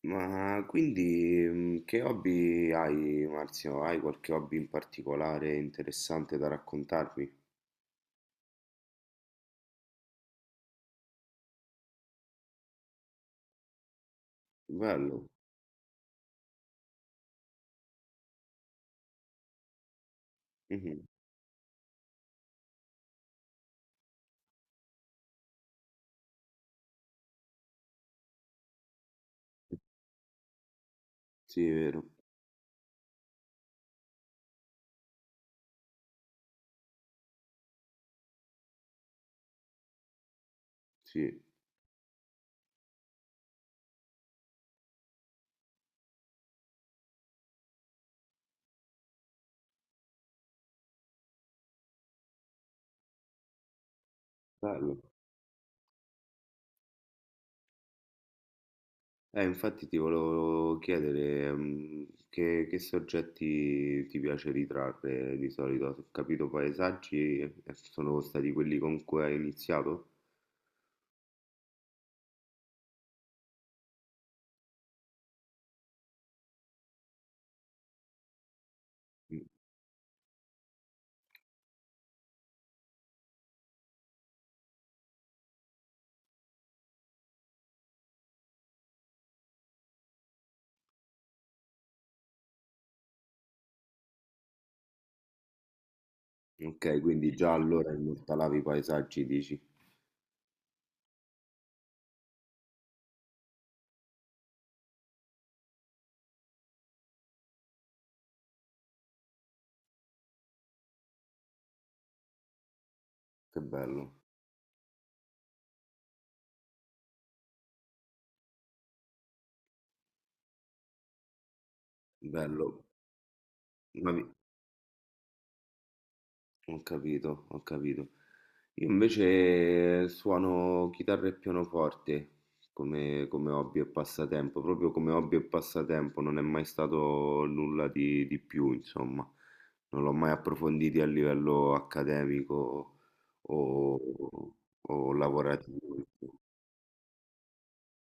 Ma quindi che hobby hai, Marzio? Hai qualche hobby in particolare interessante da raccontarmi? Bello. Mhm. Sì, è vero. Sì, bello. Infatti ti volevo chiedere, che soggetti ti piace ritrarre di solito. Ho capito paesaggi, sono stati quelli con cui hai iniziato? Mm. Ok, quindi già allora immortalavi i paesaggi, dici? Che bello, bello. Ma mi- Ho capito, ho capito. Io invece suono chitarra e pianoforte come, come hobby e passatempo, proprio come hobby e passatempo, non è mai stato nulla di più, insomma, non l'ho mai approfondito a livello accademico o, o lavorativo.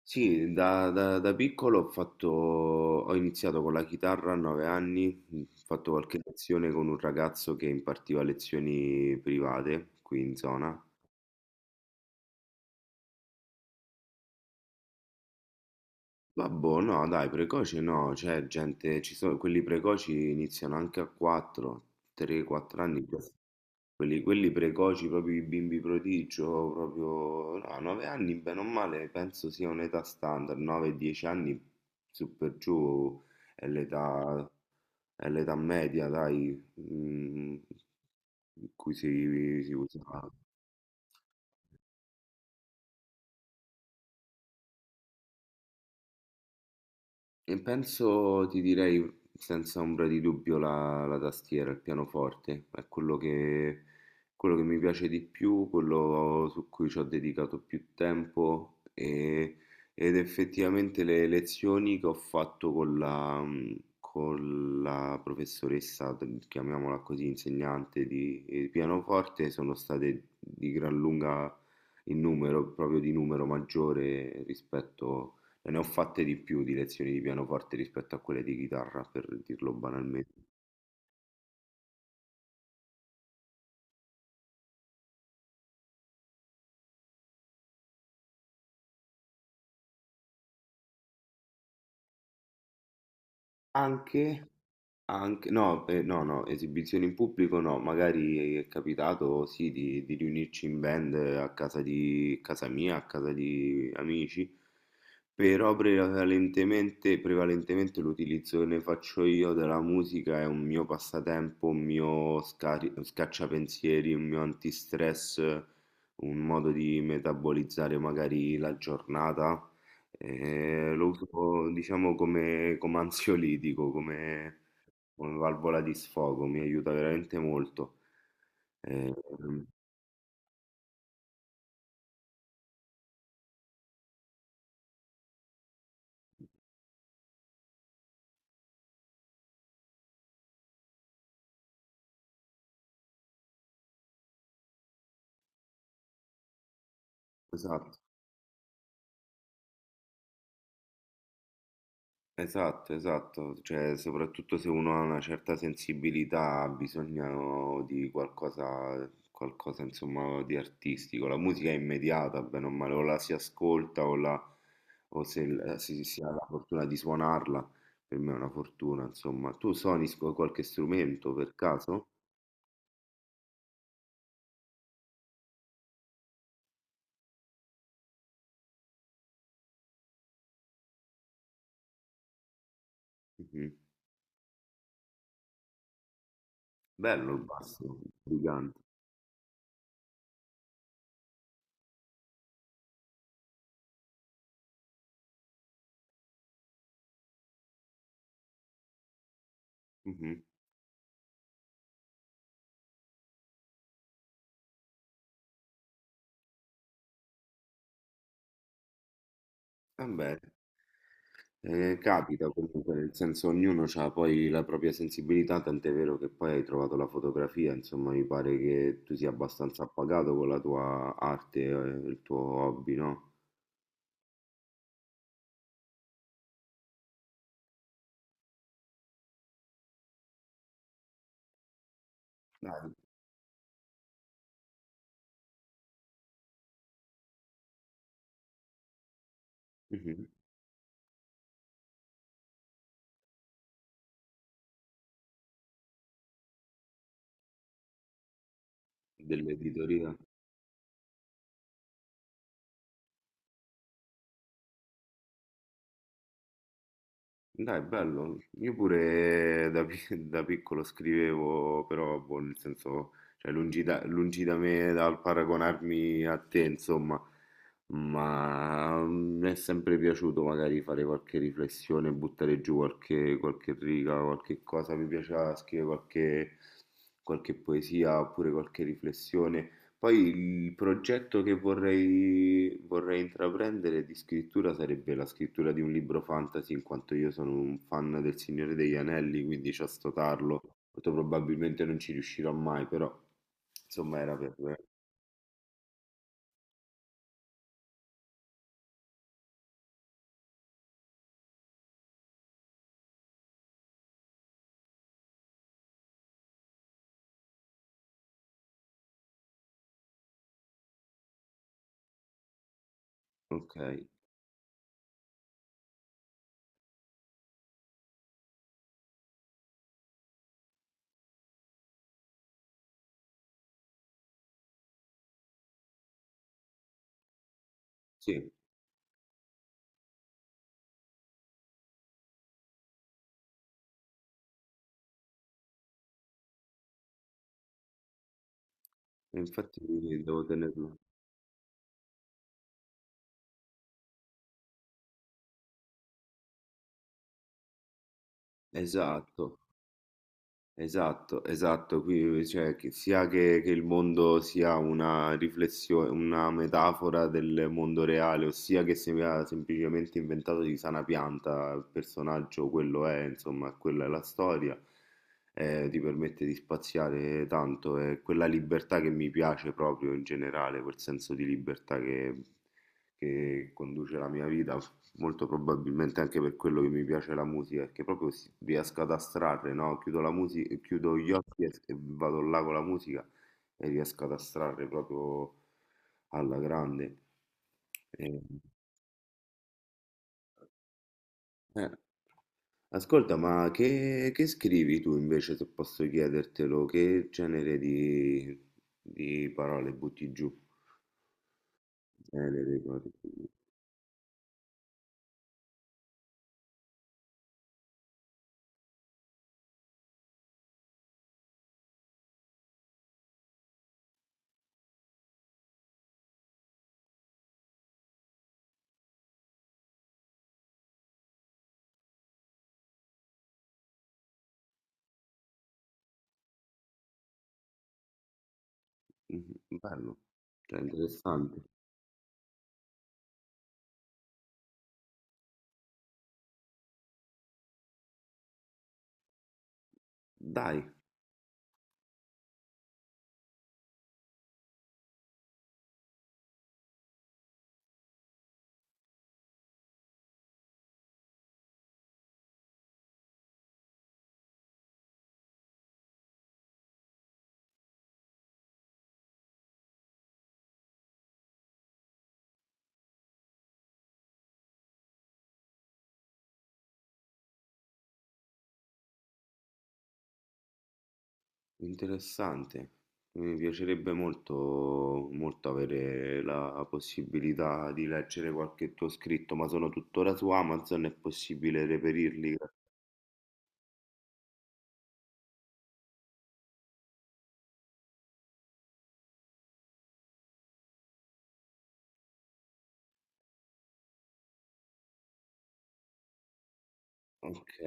Sì, da piccolo ho fatto, ho iniziato con la chitarra a 9 anni, mhmm, ho fatto qualche lezione con un ragazzo che impartiva lezioni private qui in zona. Vabbè, no, dai, precoce no, cioè gente, ci sono, quelli precoci iniziano anche a 4, 3-4 anni, quelli, quelli precoci, proprio i bimbi prodigio, proprio, no, 9 anni, bene o male, penso sia un'età standard, 9-10 anni, su per giù è l'età è l'età media, dai, mm, in cui si, si usa. E penso, ti direi senza ombra di dubbio, la, la tastiera, il pianoforte, è quello che mi piace di più, quello su cui ci ho dedicato più tempo ed effettivamente le lezioni che ho fatto con la professoressa, chiamiamola così, insegnante di pianoforte, sono state di gran lunga in numero, proprio di numero maggiore rispetto, ne ho fatte di più di lezioni di pianoforte rispetto a quelle di chitarra, per dirlo banalmente. Anche, anche, no, no, no, esibizioni in pubblico no, magari è capitato sì di riunirci in band a casa di, casa mia, a casa di amici. Però prevalentemente, prevalentemente l'utilizzo che ne faccio io della musica è un mio passatempo, un mio scacciapensieri, un mio antistress, un modo di metabolizzare magari la giornata. Lo uso diciamo come, come ansiolitico, come, come valvola di sfogo, mi aiuta veramente molto. Eh, esatto. Esatto, esatto, cioè soprattutto se uno ha una certa sensibilità ha bisogno di qualcosa, qualcosa insomma di artistico. La musica è immediata, bene o male, o la si ascolta o se si, si ha la fortuna di suonarla, per me è una fortuna, insomma. Tu suoni qualche strumento per caso? Mhm. Bello il basso, brillante. Mhm. Vabbè. Capita comunque, nel senso ognuno ha poi la propria sensibilità, tant'è vero che poi hai trovato la fotografia, insomma mi pare che tu sia abbastanza appagato con la tua arte, il tuo hobby, no? Dai. Mhm. Dell'editoria. Dai, bello. Io pure da piccolo scrivevo, però boh, nel senso, cioè, lungi da me dal paragonarmi a te, insomma, mi è sempre piaciuto magari fare qualche riflessione, buttare giù qualche, qualche riga, qualche cosa, mi piaceva scrivere qualche, qualche poesia oppure qualche riflessione. Poi il progetto che vorrei, vorrei intraprendere di scrittura sarebbe la scrittura di un libro fantasy, in quanto io sono un fan del Signore degli Anelli, quindi c'ho sto tarlo. Molto probabilmente non ci riuscirò mai, però insomma era per... Ok, sì, infatti devo tenerlo. Esatto. Esatto, esatto, qui cioè, che il mondo sia una riflessione, una metafora del mondo reale, ossia che sia semplicemente inventato di sana pianta il personaggio, quello è, insomma, quella è la storia, ti permette di spaziare tanto, è quella libertà che mi piace proprio in generale, quel senso di libertà che conduce la mia vita. Molto probabilmente anche per quello che mi piace la musica, perché proprio riesco ad astrarre, no? Chiudo la musica, chiudo gli occhi e vado là con la musica e riesco ad astrarre proprio alla grande. E- eh. Ascolta, ma che scrivi tu invece, se posso chiedertelo? Che genere di parole butti giù? Genere di parole. Mhm, bello, cioè interessante. Dai. Interessante, mi piacerebbe molto, molto avere la possibilità di leggere qualche tuo scritto, ma sono tuttora su Amazon, è possibile reperirli? Ok,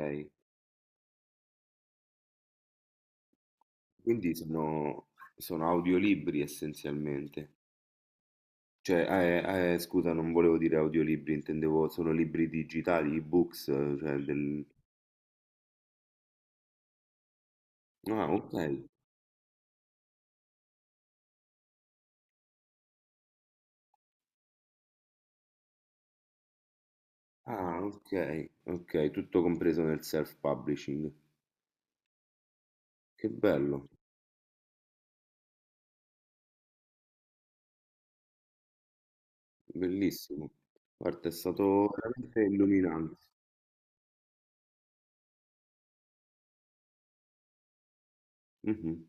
quindi sono, sono audiolibri essenzialmente. Cioè, scusa, non volevo dire audiolibri, intendevo sono libri digitali, ebooks, cioè del... Ah, ok. Ah, ok, ok, tutto compreso nel self-publishing. Che bello. Bellissimo, guarda, è stato veramente illuminante. Mhm.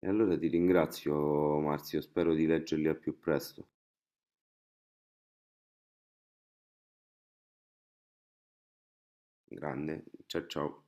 E allora ti ringrazio, Marzio, spero di leggerli al più presto. Grande, ciao ciao.